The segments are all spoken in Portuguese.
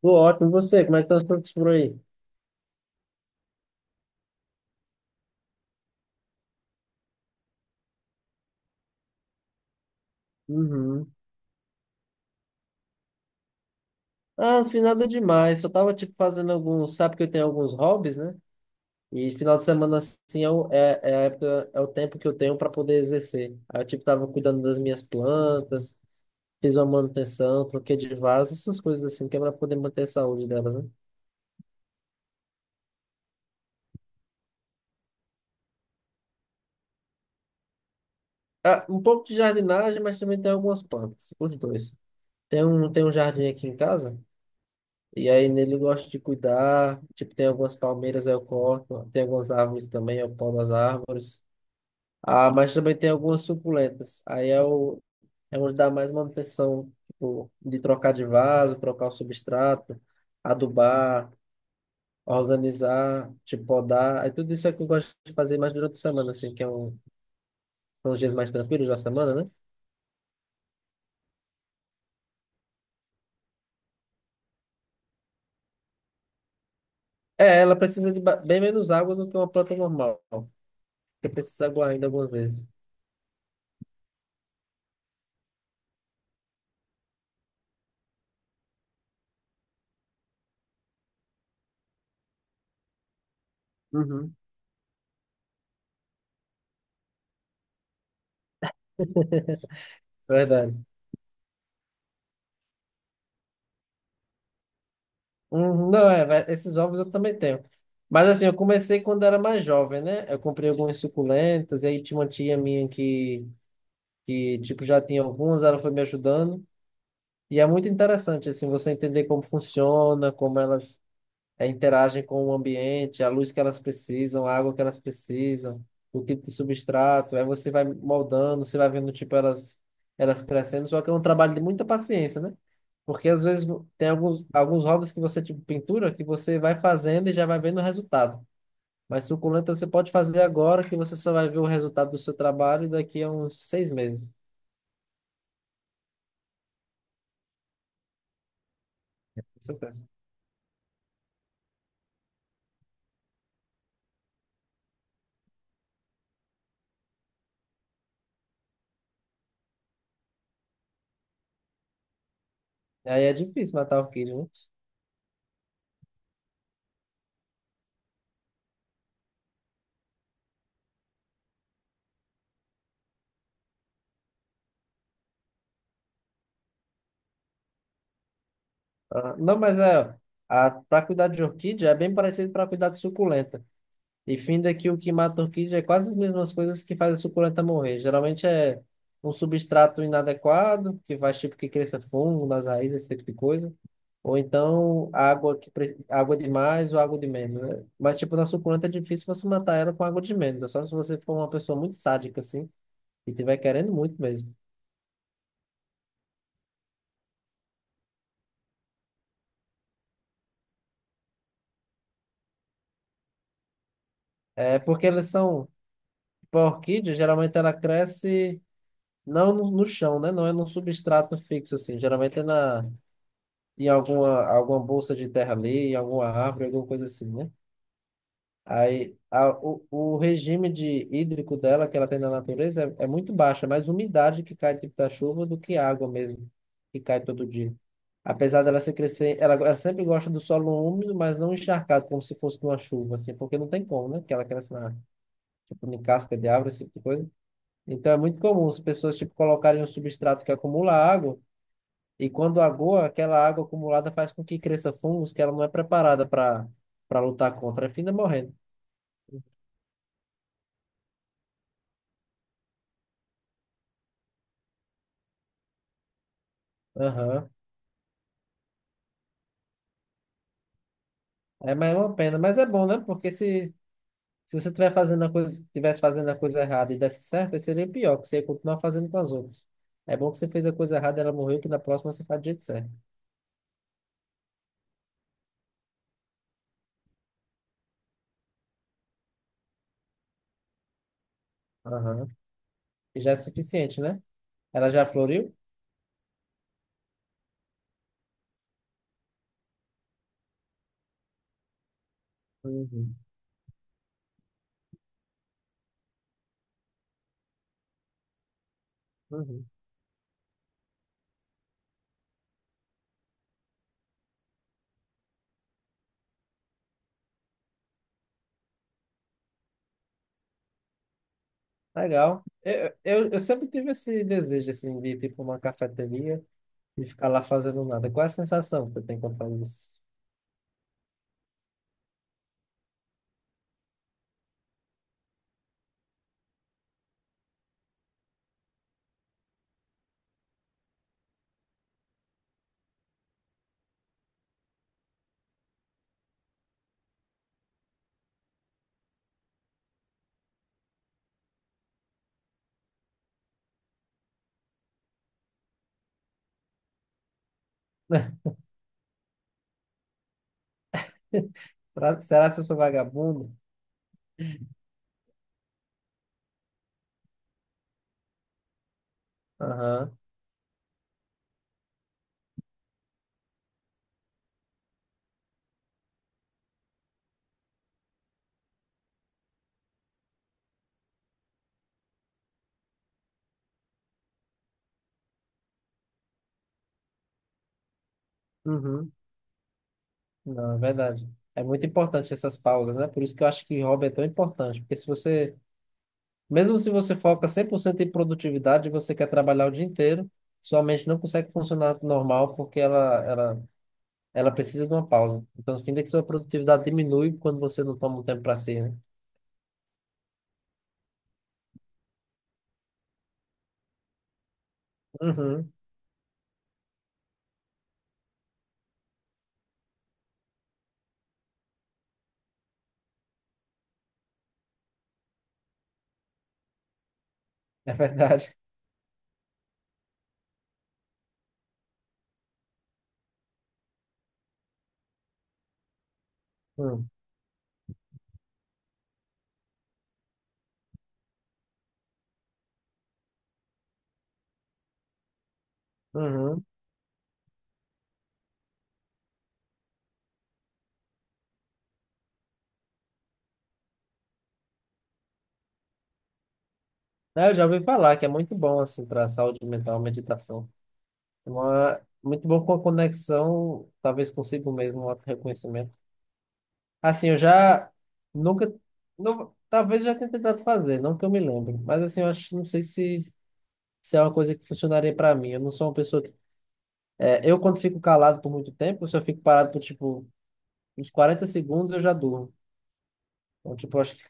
Tô ótimo, e você? Como é que tá os frutos por aí? Uhum. Ah, não fiz nada demais. Só tava, tipo, fazendo alguns... Sabe que eu tenho alguns hobbies, né? E final de semana, assim, é, é, é a época, é o tempo que eu tenho para poder exercer. Aí eu, tipo, tava cuidando das minhas plantas, fiz uma manutenção, troquei de vaso, essas coisas assim, que é pra poder manter a saúde delas, né? Ah, um pouco de jardinagem, mas também tem algumas plantas, os dois. Tem um jardim aqui em casa, e aí nele eu gosto de cuidar. Tipo, tem algumas palmeiras aí eu corto, tem algumas árvores também, eu podo as árvores. Ah, mas também tem algumas suculentas. Aí é o é onde dá mais manutenção, tipo, de trocar de vaso, trocar o substrato, adubar, organizar, tipo, podar. Aí tudo isso é que eu gosto de fazer mais durante a semana, assim, são os dias mais tranquilos da semana, né? É, ela precisa de bem menos água do que uma planta normal, porque precisa aguar ainda algumas vezes. Uhum. Verdade. Não, é, esses ovos eu também tenho. Mas assim, eu comecei quando era mais jovem, né? Eu comprei algumas suculentas, e aí tinha uma tia minha que tipo, já tinha algumas, ela foi me ajudando. E é muito interessante, assim, você entender como funciona, como elas é, interagem com o ambiente, a luz que elas precisam, a água que elas precisam, o tipo de substrato. Aí você vai moldando, você vai vendo, tipo, elas crescendo. Só que é um trabalho de muita paciência, né? Porque às vezes tem alguns hobbies que você, tipo pintura, que você vai fazendo e já vai vendo o resultado. Mas suculenta você pode fazer agora, que você só vai ver o resultado do seu trabalho daqui a uns 6 meses. Com certeza. E aí é difícil matar a orquídea, né? Ah, não, mas é, a, para cuidar de orquídea é bem parecido para cuidar de suculenta. E finda que o que mata a orquídea é quase as mesmas coisas que faz a suculenta morrer. Geralmente é um substrato inadequado, que faz tipo que cresça fungo nas raízes, esse tipo de coisa. Ou então água que água de mais ou água de menos, né? Mas tipo na suculenta é difícil você matar ela com água de menos, é só se você for uma pessoa muito sádica assim e tiver querendo muito mesmo. É porque elas são, tipo, a orquídea geralmente ela cresce não no chão, né? Não é num substrato fixo assim, geralmente é na em alguma bolsa de terra ali, em alguma árvore, alguma coisa assim, né? Aí, o regime de hídrico dela, que ela tem na natureza, é muito baixo, é mais umidade que cai tipo da chuva do que água mesmo, que cai todo dia. Apesar dela se crescer, ela sempre gosta do solo úmido, mas não encharcado, como se fosse uma chuva, assim, porque não tem como, né? Que ela cresce na, tipo, em casca de árvore, esse tipo de coisa. Então é muito comum as pessoas, tipo, colocarem um substrato que acumula água, e quando agoa, aquela água acumulada faz com que cresça fungos que ela não é preparada para lutar contra, e fina morrendo. Aham. É, mas é uma pena, mas é bom, né? Porque se você tiver fazendo a coisa, tivesse fazendo a coisa errada e desse certo, aí seria pior, porque você ia continuar fazendo com as outras. É bom que você fez a coisa errada, ela morreu, que na próxima você faz do jeito certo. Aham. E já é suficiente, né? Ela já floriu? Uhum. Uhum. Legal. Eu sempre tive esse desejo, assim, de ir, tipo, uma cafeteria e ficar lá fazendo nada. Qual é a sensação que você tem quando faz isso? Será que eu sou vagabundo? Aham. Uhum. Não, é verdade. É muito importante essas pausas, né? Por isso que eu acho que hobby é tão importante. Porque se você, mesmo se você foca 100% em produtividade, e você quer trabalhar o dia inteiro, sua mente não consegue funcionar normal porque ela precisa de uma pausa. Então, no fim, é que sua produtividade diminui quando você não toma um tempo para si, né? Uhum, é verdade. Hum, uhum. É, eu já ouvi falar que é muito bom, assim, para a saúde mental, a meditação. É uma, muito bom com a conexão, talvez consigo mesmo, um auto-reconhecimento. Assim, eu já nunca. Não, talvez eu já tenha tentado fazer, não que eu me lembre. Mas assim, eu acho, não sei se, se é uma coisa que funcionaria pra mim. Eu não sou uma pessoa que. É, eu, quando fico calado por muito tempo, se eu fico parado por tipo uns 40 segundos, eu já durmo. Então, tipo, eu acho que.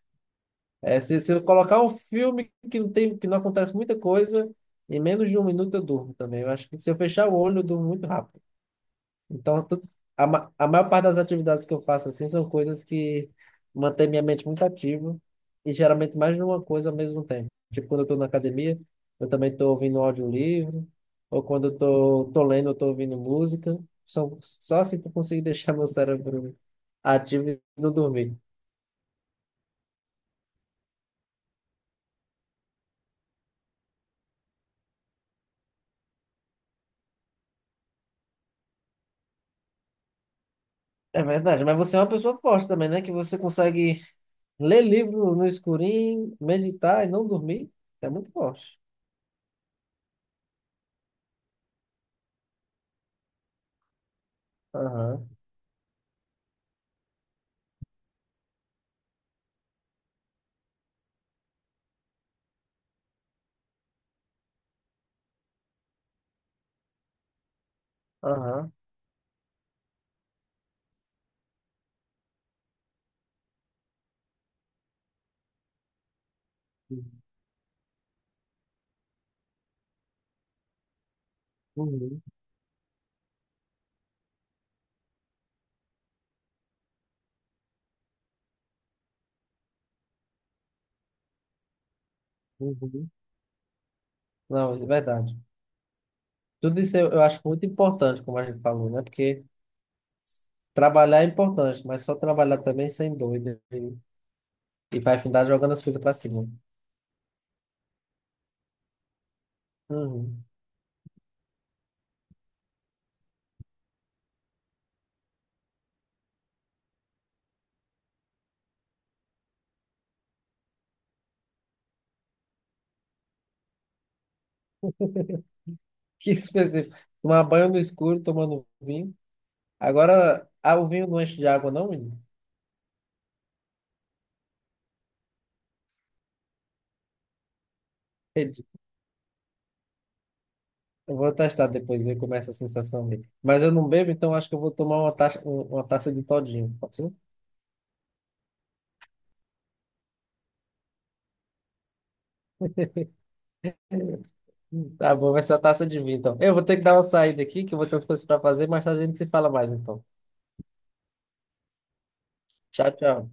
É, se eu colocar um filme que não tem, que não acontece muita coisa, em menos de 1 minuto eu durmo também. Eu acho que se eu fechar o olho, eu durmo muito rápido. Então, a maior parte das atividades que eu faço assim são coisas que mantêm minha mente muito ativa e geralmente mais de uma coisa ao mesmo tempo. Tipo, quando eu estou na academia, eu também estou ouvindo um audiolivro, ou quando eu estou tô lendo, eu estou ouvindo música. São, só assim que eu consigo deixar meu cérebro ativo e não dormir. É verdade, mas você é uma pessoa forte também, né? Que você consegue ler livro no escurinho, meditar e não dormir. É muito forte. Aham, aham. Uhum. Uhum. Não, é verdade. Tudo isso eu acho muito importante, como a gente falou, né? Porque trabalhar é importante, mas só trabalhar também sem doido. E vai afundar jogando as coisas pra cima. Uhum. Que específico. Tomar banho no escuro, tomando vinho. Agora, ah, o vinho não enche de água, não, menino? Entendi. Eu vou testar depois, ver como é essa sensação dele. Mas eu não bebo, então acho que eu vou tomar uma taça, uma taça de todinho. Pode ser? Tá bom, vai ser uma taça de vinho, então. Eu vou ter que dar uma saída aqui, que eu vou ter umas coisas pra fazer, mas a gente se fala mais, então. Tchau, tchau.